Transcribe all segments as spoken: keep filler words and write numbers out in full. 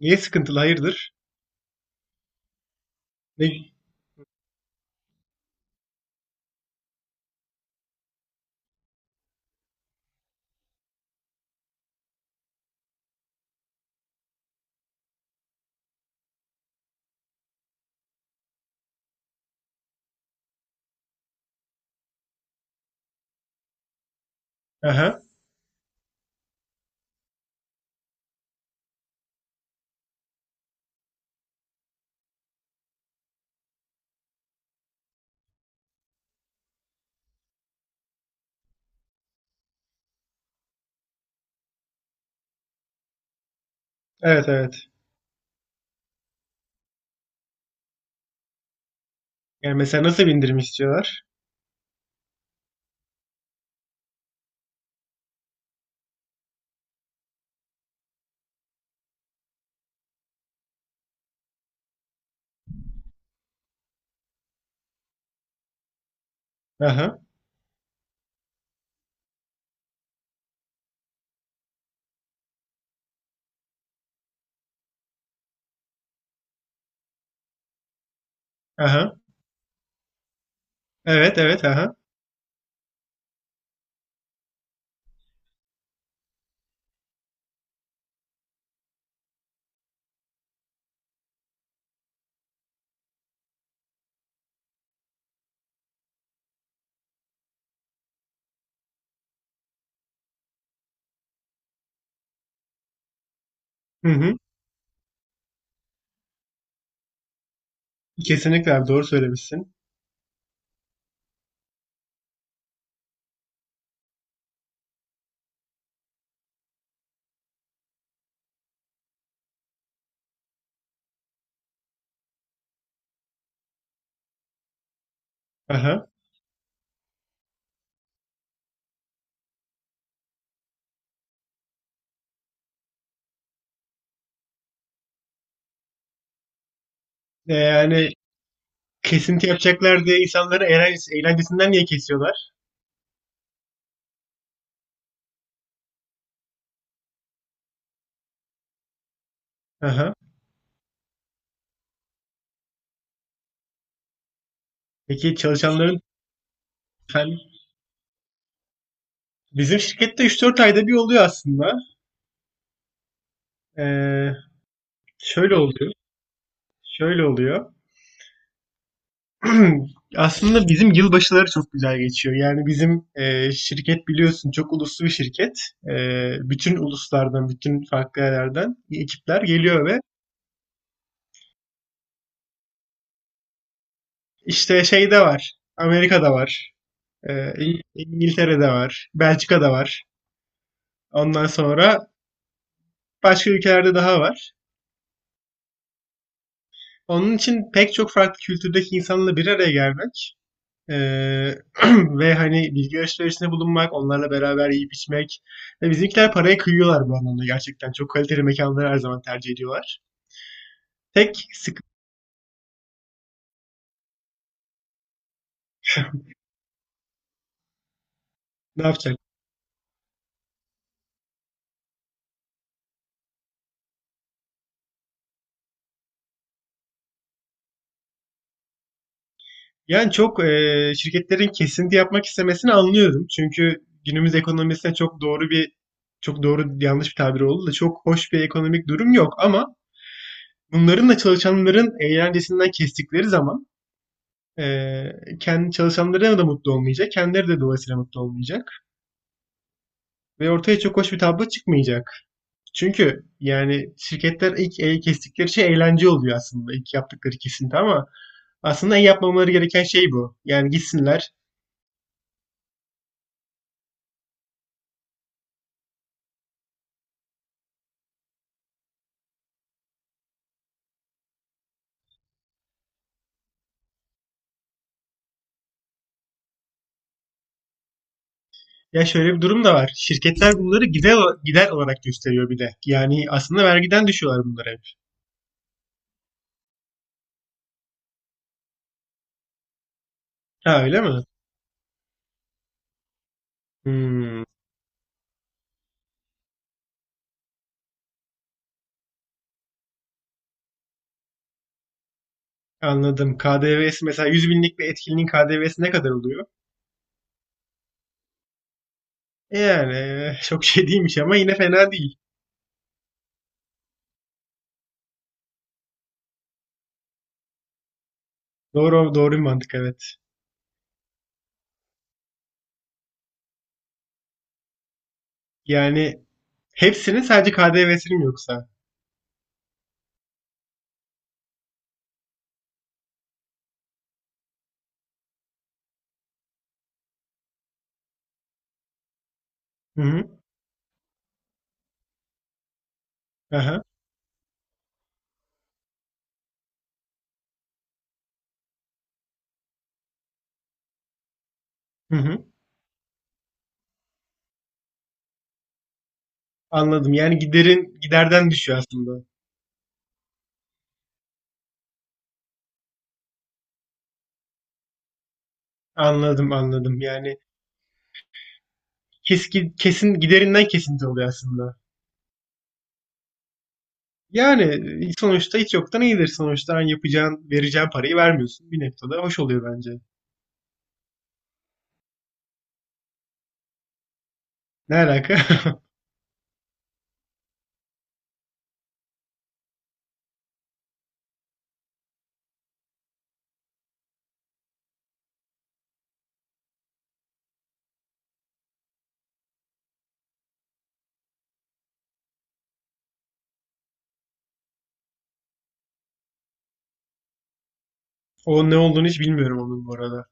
Niye sıkıntılı? Hayırdır? Ne? Aha. Evet evet. Yani mesela nasıl bir indirim istiyorlar? Aha. Aha. Evet evet aha. Hı hı. Kesinlikle abi doğru söylemişsin. Aha. E, yani kesinti yapacaklar diye insanları eğlen- eğlencesinden niye kesiyorlar? Aha. Peki çalışanların hani bizim şirkette üç dört ayda bir oluyor aslında. E, Şöyle oluyor. Şöyle oluyor. Aslında bizim yılbaşıları çok güzel geçiyor. Yani bizim e, şirket biliyorsun çok uluslu bir şirket. E, Bütün uluslardan, bütün farklı yerlerden ekipler geliyor ve işte şeyde var. Amerika'da var. E, İng- İngiltere'de var. Belçika'da var. Ondan sonra başka ülkelerde daha var. Onun için pek çok farklı kültürdeki insanla bir araya gelmek, Eee, ve hani bilgi alışverişinde bulunmak, onlarla beraber yiyip içmek. Ve bizimkiler paraya kıyıyorlar bu anlamda gerçekten. Çok kaliteli mekanları her zaman tercih ediyorlar. Tek sık ne yapacak? Yani çok, eee, şirketlerin kesinti yapmak istemesini anlıyorum. Çünkü günümüz ekonomisine çok doğru bir çok doğru yanlış bir tabir oldu da, çok hoş bir ekonomik durum yok, ama bunların da çalışanların eğlencesinden kestikleri zaman eee kendi çalışanları da mutlu olmayacak, kendileri de dolayısıyla mutlu olmayacak. Ve ortaya çok hoş bir tablo çıkmayacak. Çünkü yani şirketler ilk el kestikleri şey eğlence oluyor aslında. İlk yaptıkları kesinti ama aslında en yapmamaları gereken şey bu. Yani gitsinler. Ya şöyle bir durum da var. Şirketler bunları gider, gider olarak gösteriyor bir de. Yani aslında vergiden düşüyorlar bunları hep. Ha, öyle mi? Hmm, anladım. K D V'si, mesela yüz binlik bir etkinliğin K D V'si ne kadar oluyor? E Yani, eh, çok şey değilmiş ama yine fena değil. Doğru, doğru bir mantık, evet. Yani hepsinin sadece K D V'sini mi, yoksa? Hı hı. Aha. Hı hı. Anladım. Yani giderin giderden düşüyor aslında. Anladım, anladım. Yani kesin kesin giderinden kesinti oluyor aslında. Yani e, sonuçta hiç yoktan iyidir. Sonuçta hani yapacağın, vereceğin parayı vermiyorsun. Bir noktada hoş oluyor bence. Ne alaka? O ne olduğunu hiç bilmiyorum onun bu arada.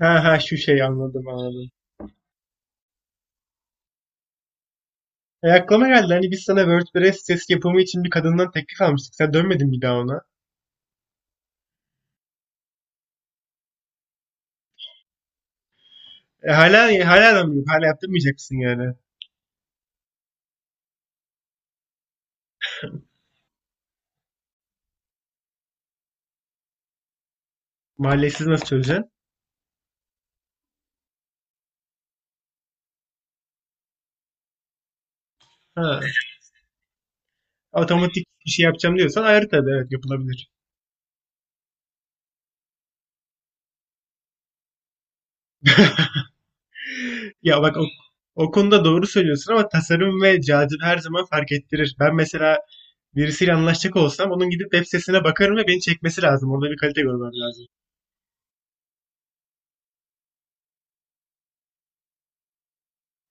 Ha ha, şu şey, anladım anladım. E, aklıma geldi, hani biz sana WordPress sitesi yapımı için bir kadından teklif almıştık. Sen dönmedin bir daha ona. E, hala hala da mı yok? Hala yaptırmayacak mısın yani? Mahallesiz nasıl çözeceksin? Ha. Otomatik bir şey yapacağım diyorsan ayrı tabii, evet, yapılabilir. Ya bak, o, o konuda doğru söylüyorsun ama tasarım ve cazibe her zaman fark ettirir. Ben mesela birisiyle anlaşacak olsam onun gidip web sitesine bakarım ve beni çekmesi lazım. Orada bir kalite görmem lazım.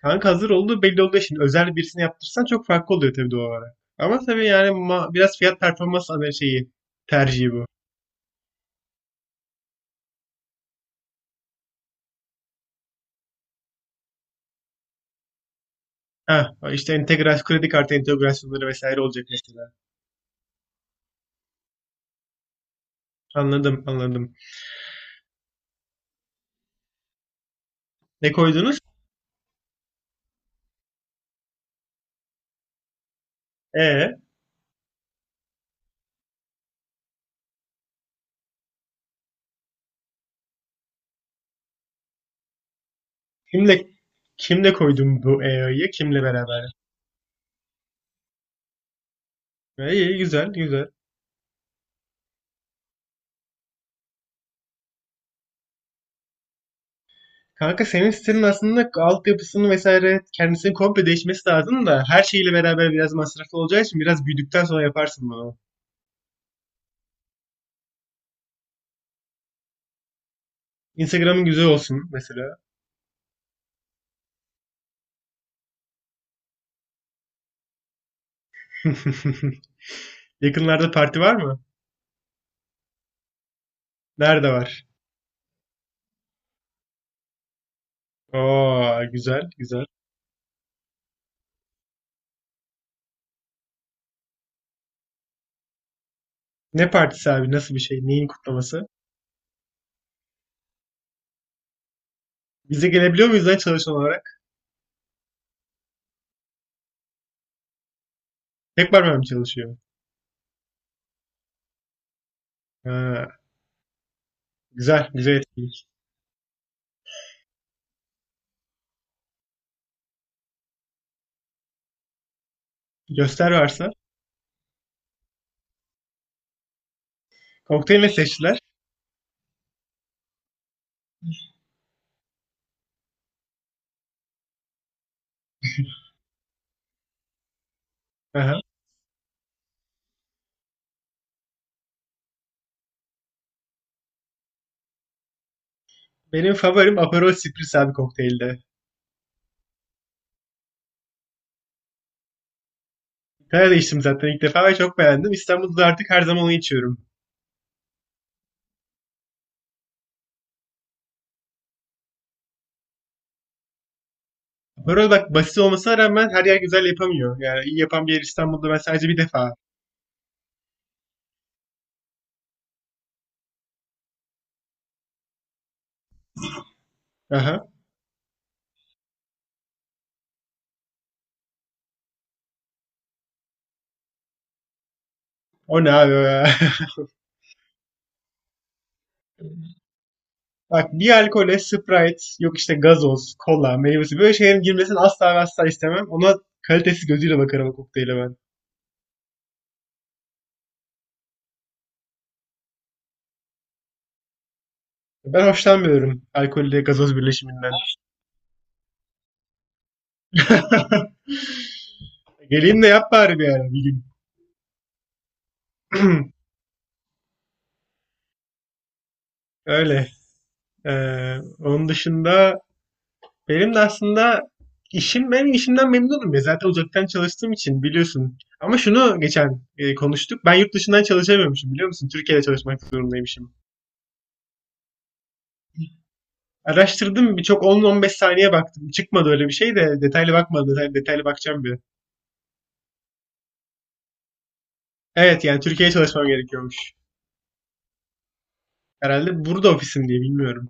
Kanka hazır olduğu belli olduğu için özel birisini yaptırsan çok farklı oluyor tabii, doğal olarak. Ama tabii yani ma- biraz fiyat performans ana- şeyi, tercihi bu. Ha, işte entegrasyon, kredi kartı entegrasyonları vesaire olacak mesela. Anladım, anladım. Ne koydunuz? E Kimle kimle koydun bu E O'yu? Kimle beraber? İyi, iyi, güzel, güzel. Kanka senin sitenin aslında altyapısını vesaire kendisini komple değişmesi lazım da her şeyle beraber biraz masraflı olacağı için biraz büyüdükten sonra yaparsın bunu. Instagram'ın güzel olsun mesela. Yakınlarda parti var mı? Nerede var? Oo, güzel, güzel. Ne partisi abi? Nasıl bir şey? Neyin kutlaması? Bize gelebiliyor muyuz lan çalışan olarak? Tek parmağım çalışıyor. Ha, güzel, güzel etkinlik. Göster varsa. Kokteyl ne seçtiler? Aha. Benim favorim Aperol Spritz abi, kokteylde. İtalya'da içtim zaten ilk defa ve çok beğendim. İstanbul'da da artık her zaman onu içiyorum. Aperol bak basit olmasına rağmen her yer güzel yapamıyor. Yani iyi yapan bir yer İstanbul'da, ben sadece bir defa. Aha. O ne abi ya? Bak, bir alkole Sprite, yok işte gazoz, kola, meyvesi, böyle şeylerin girmesini asla ve asla istemem. Ona kalitesiz gözüyle bakarım o kokteyle ben. Ben hoşlanmıyorum alkolle gazoz birleşiminden. Geleyim de yap bari bir ara bir gün. Öyle. Ee, onun dışında, benim de aslında işim, ben işimden memnunum ya. Zaten uzaktan çalıştığım için biliyorsun. Ama şunu geçen e, konuştuk. Ben yurt dışından çalışamıyormuşum, biliyor musun? Türkiye'de çalışmak zorundaymışım. Araştırdım, birçok on on beş saniye baktım. Çıkmadı öyle bir şey de detaylı bakmadım. Detaylı, detaylı bakacağım bir. Evet yani Türkiye'ye çalışmam gerekiyormuş. Herhalde burada ofisim diye, bilmiyorum.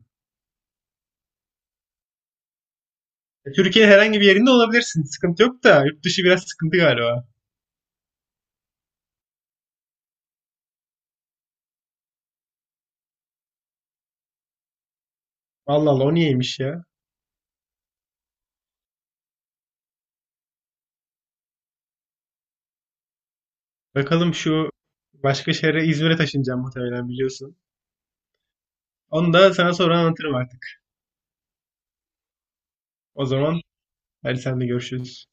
Türkiye herhangi bir yerinde olabilirsin. Sıkıntı yok da yurt dışı biraz sıkıntı galiba. Vallahi Allah, o niyeymiş ya. Bakalım şu, başka şehre, İzmir'e taşınacağım muhtemelen, biliyorsun. Onu da sana sonra anlatırım artık. O zaman hadi, sen de görüşürüz.